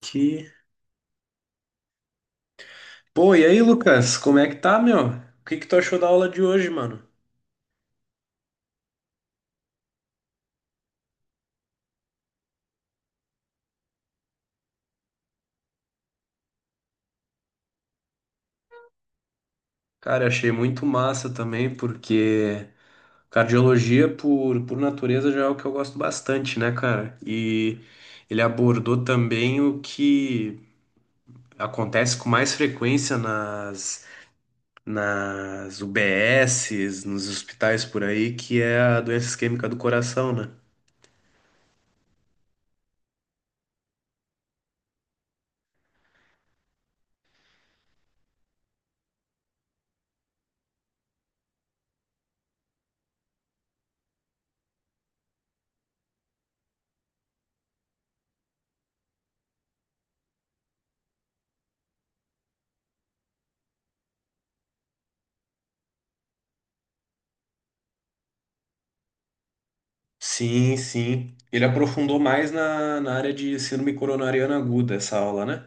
Que... Pô, e aí, Lucas, como é que tá, meu? O que que tu achou da aula de hoje, mano? Cara, achei muito massa também, porque cardiologia, por natureza, já é o que eu gosto bastante, né, cara? E ele abordou também o que acontece com mais frequência nas UBSs, nos hospitais por aí, que é a doença isquêmica do coração, né? Sim, sim. Ele aprofundou mais na área de síndrome coronariana aguda, essa aula, né?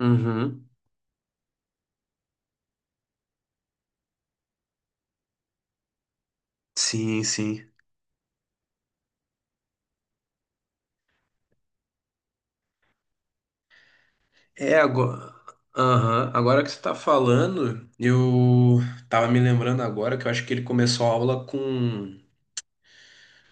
Uhum. Sim, sim. É agora. Aham. Agora que você tá falando, eu tava me lembrando agora que eu acho que ele começou a aula com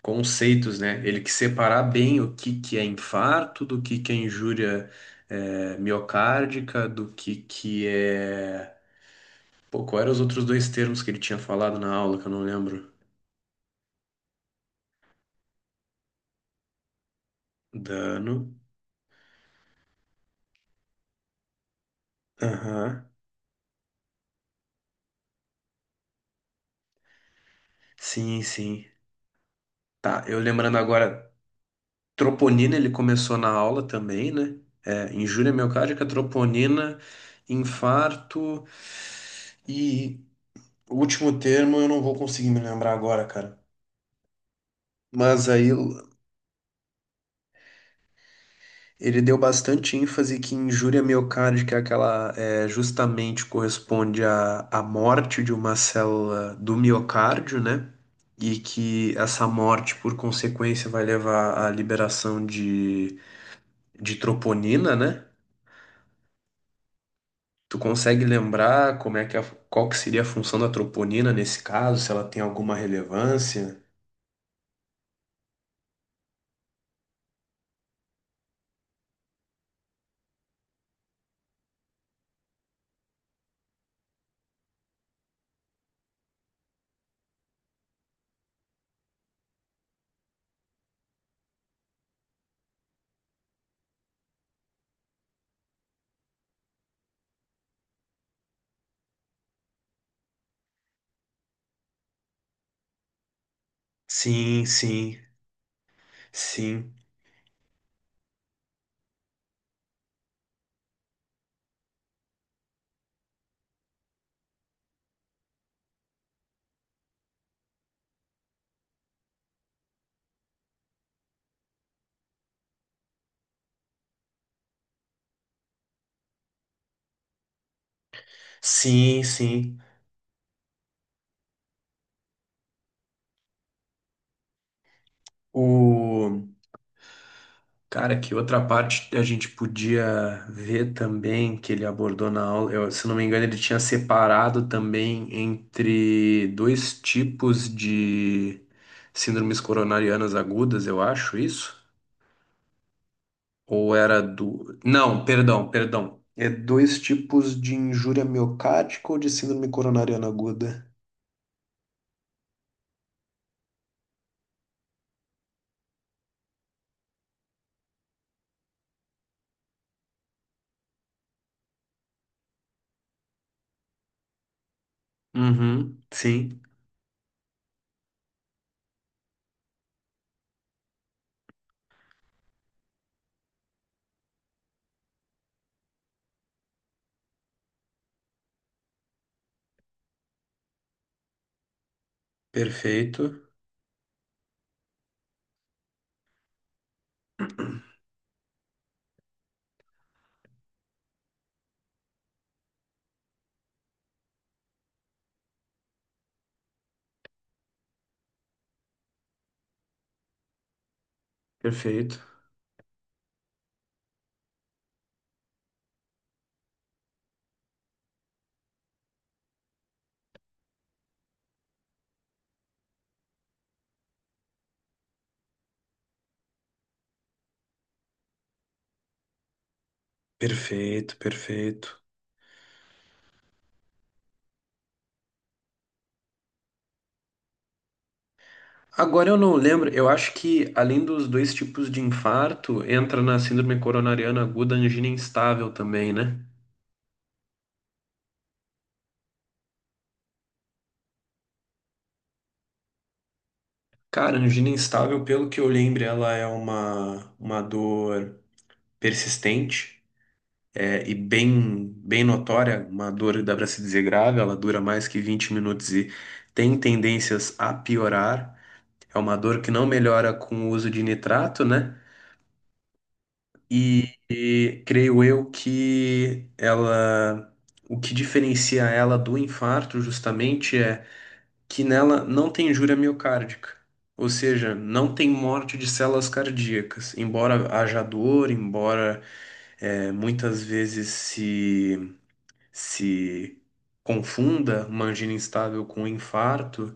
conceitos, né? Ele que separar bem o que que é infarto, do que é injúria miocárdica, do que é. Pô, qual eram os outros dois termos que ele tinha falado na aula que eu não lembro? Dano. Aham. Sim, sim. Tá, eu lembrando agora. Troponina ele começou na aula também, né? É, injúria miocárdica, troponina, infarto e o último termo eu não vou conseguir me lembrar agora, cara. Mas aí ele deu bastante ênfase que injúria miocárdica é justamente corresponde à morte de uma célula do miocárdio, né? E que essa morte, por consequência, vai levar à liberação de troponina, né? Tu consegue lembrar como é que qual que seria a função da troponina nesse caso, se ela tem alguma relevância? Sim, sim, sim, sim, sim. O cara, que outra parte a gente podia ver também que ele abordou na aula, eu, se não me engano, ele tinha separado também entre dois tipos de síndromes coronarianas agudas, eu acho isso. Ou era do. Não, perdão, perdão. É dois tipos de injúria miocárdica ou de síndrome coronariana aguda? Uhum, sim, perfeito, perfeito, perfeito, perfeito. Agora eu não lembro, eu acho que além dos dois tipos de infarto, entra na síndrome coronariana aguda a angina instável também, né? Cara, a angina instável, pelo que eu lembro, ela é uma dor persistente. É, e bem, bem notória, uma dor dá para se dizer grave, ela dura mais que 20 minutos e tem tendências a piorar. É uma dor que não melhora com o uso de nitrato, né? E creio eu que ela, o que diferencia ela do infarto justamente é que nela não tem injúria miocárdica. Ou seja, não tem morte de células cardíacas, embora haja dor, embora muitas vezes se confunda uma angina instável com um infarto,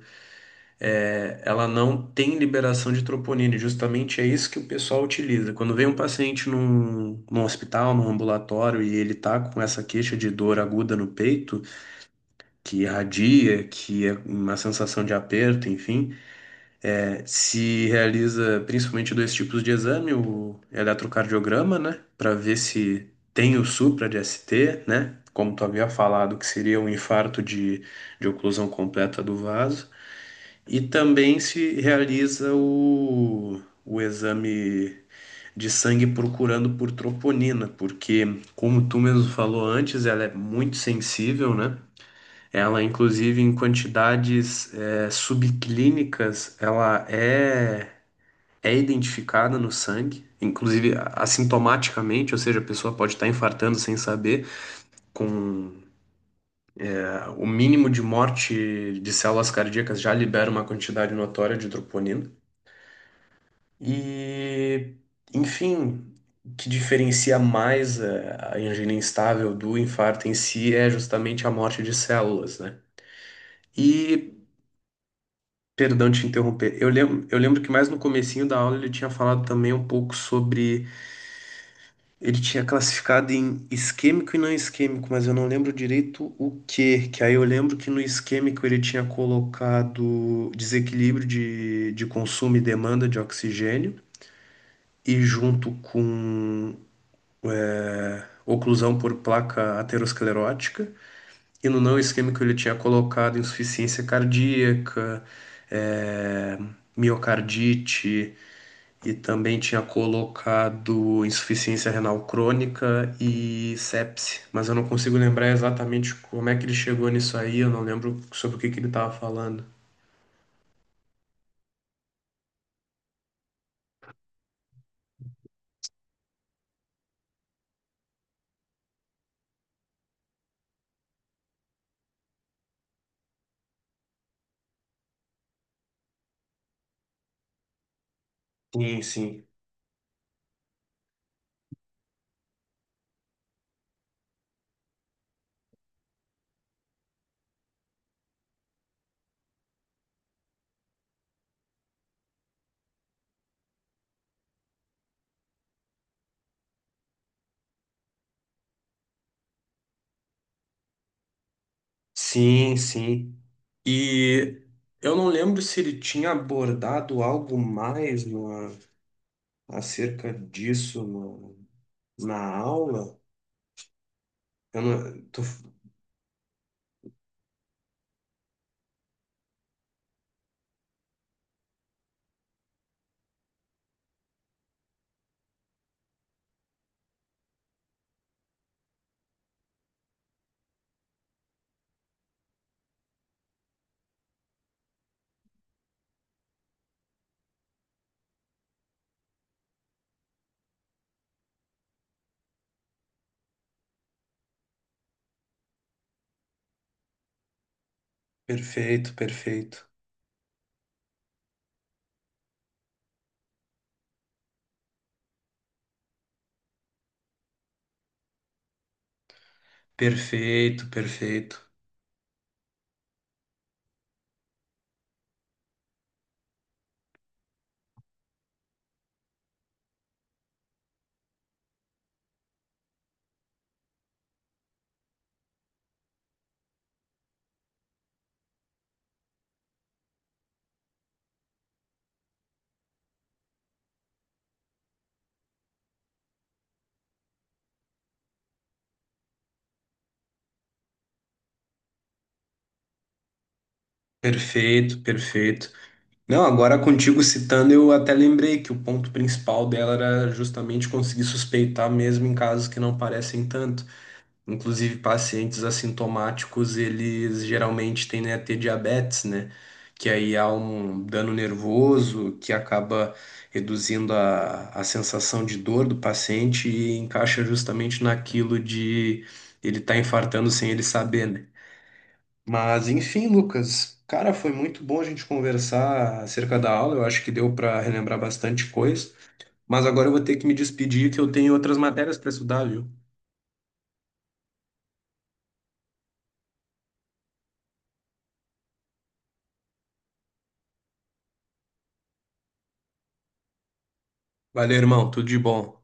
ela não tem liberação de troponina. E justamente é isso que o pessoal utiliza. Quando vem um paciente num hospital, num ambulatório, e ele tá com essa queixa de dor aguda no peito, que irradia, que é uma sensação de aperto, enfim. É, se realiza principalmente dois tipos de exame, o eletrocardiograma, né, para ver se tem o supra de ST, né, como tu havia falado, que seria um infarto de oclusão completa do vaso, e também se realiza o exame de sangue procurando por troponina, porque, como tu mesmo falou antes, ela é muito sensível, né, ela, inclusive, em quantidades subclínicas, ela é identificada no sangue, inclusive assintomaticamente, ou seja, a pessoa pode estar infartando sem saber, com o mínimo de morte de células cardíacas já libera uma quantidade notória de troponina. E, enfim, o que diferencia mais a angina instável do infarto em si é justamente a morte de células, né? E perdão te interromper. Eu lembro que mais no comecinho da aula ele tinha falado também um pouco sobre ele tinha classificado em isquêmico e não isquêmico, mas eu não lembro direito o que. Que aí eu lembro que no isquêmico ele tinha colocado desequilíbrio de consumo e demanda de oxigênio, e junto com oclusão por placa aterosclerótica. E no não isquêmico ele tinha colocado insuficiência cardíaca, eh, miocardite, e também tinha colocado insuficiência renal crônica e sepse, mas eu não consigo lembrar exatamente como é que ele chegou nisso aí, eu não lembro sobre o que que ele estava falando. Sim, sim. Sim, sim. E eu não lembro se ele tinha abordado algo mais no, acerca disso no- na aula. Eu não, tô- perfeito, perfeito. Perfeito, perfeito. Perfeito, perfeito. Não, agora contigo citando, eu até lembrei que o ponto principal dela era justamente conseguir suspeitar mesmo em casos que não parecem tanto. Inclusive, pacientes assintomáticos, eles geralmente tendem a ter diabetes, né? Que aí há um dano nervoso que acaba reduzindo a sensação de dor do paciente e encaixa justamente naquilo de ele estar infartando sem ele saber, né? Mas enfim, Lucas, cara, foi muito bom a gente conversar acerca da aula. Eu acho que deu para relembrar bastante coisa. Mas agora eu vou ter que me despedir, que eu tenho outras matérias para estudar, viu? Valeu, irmão. Tudo de bom.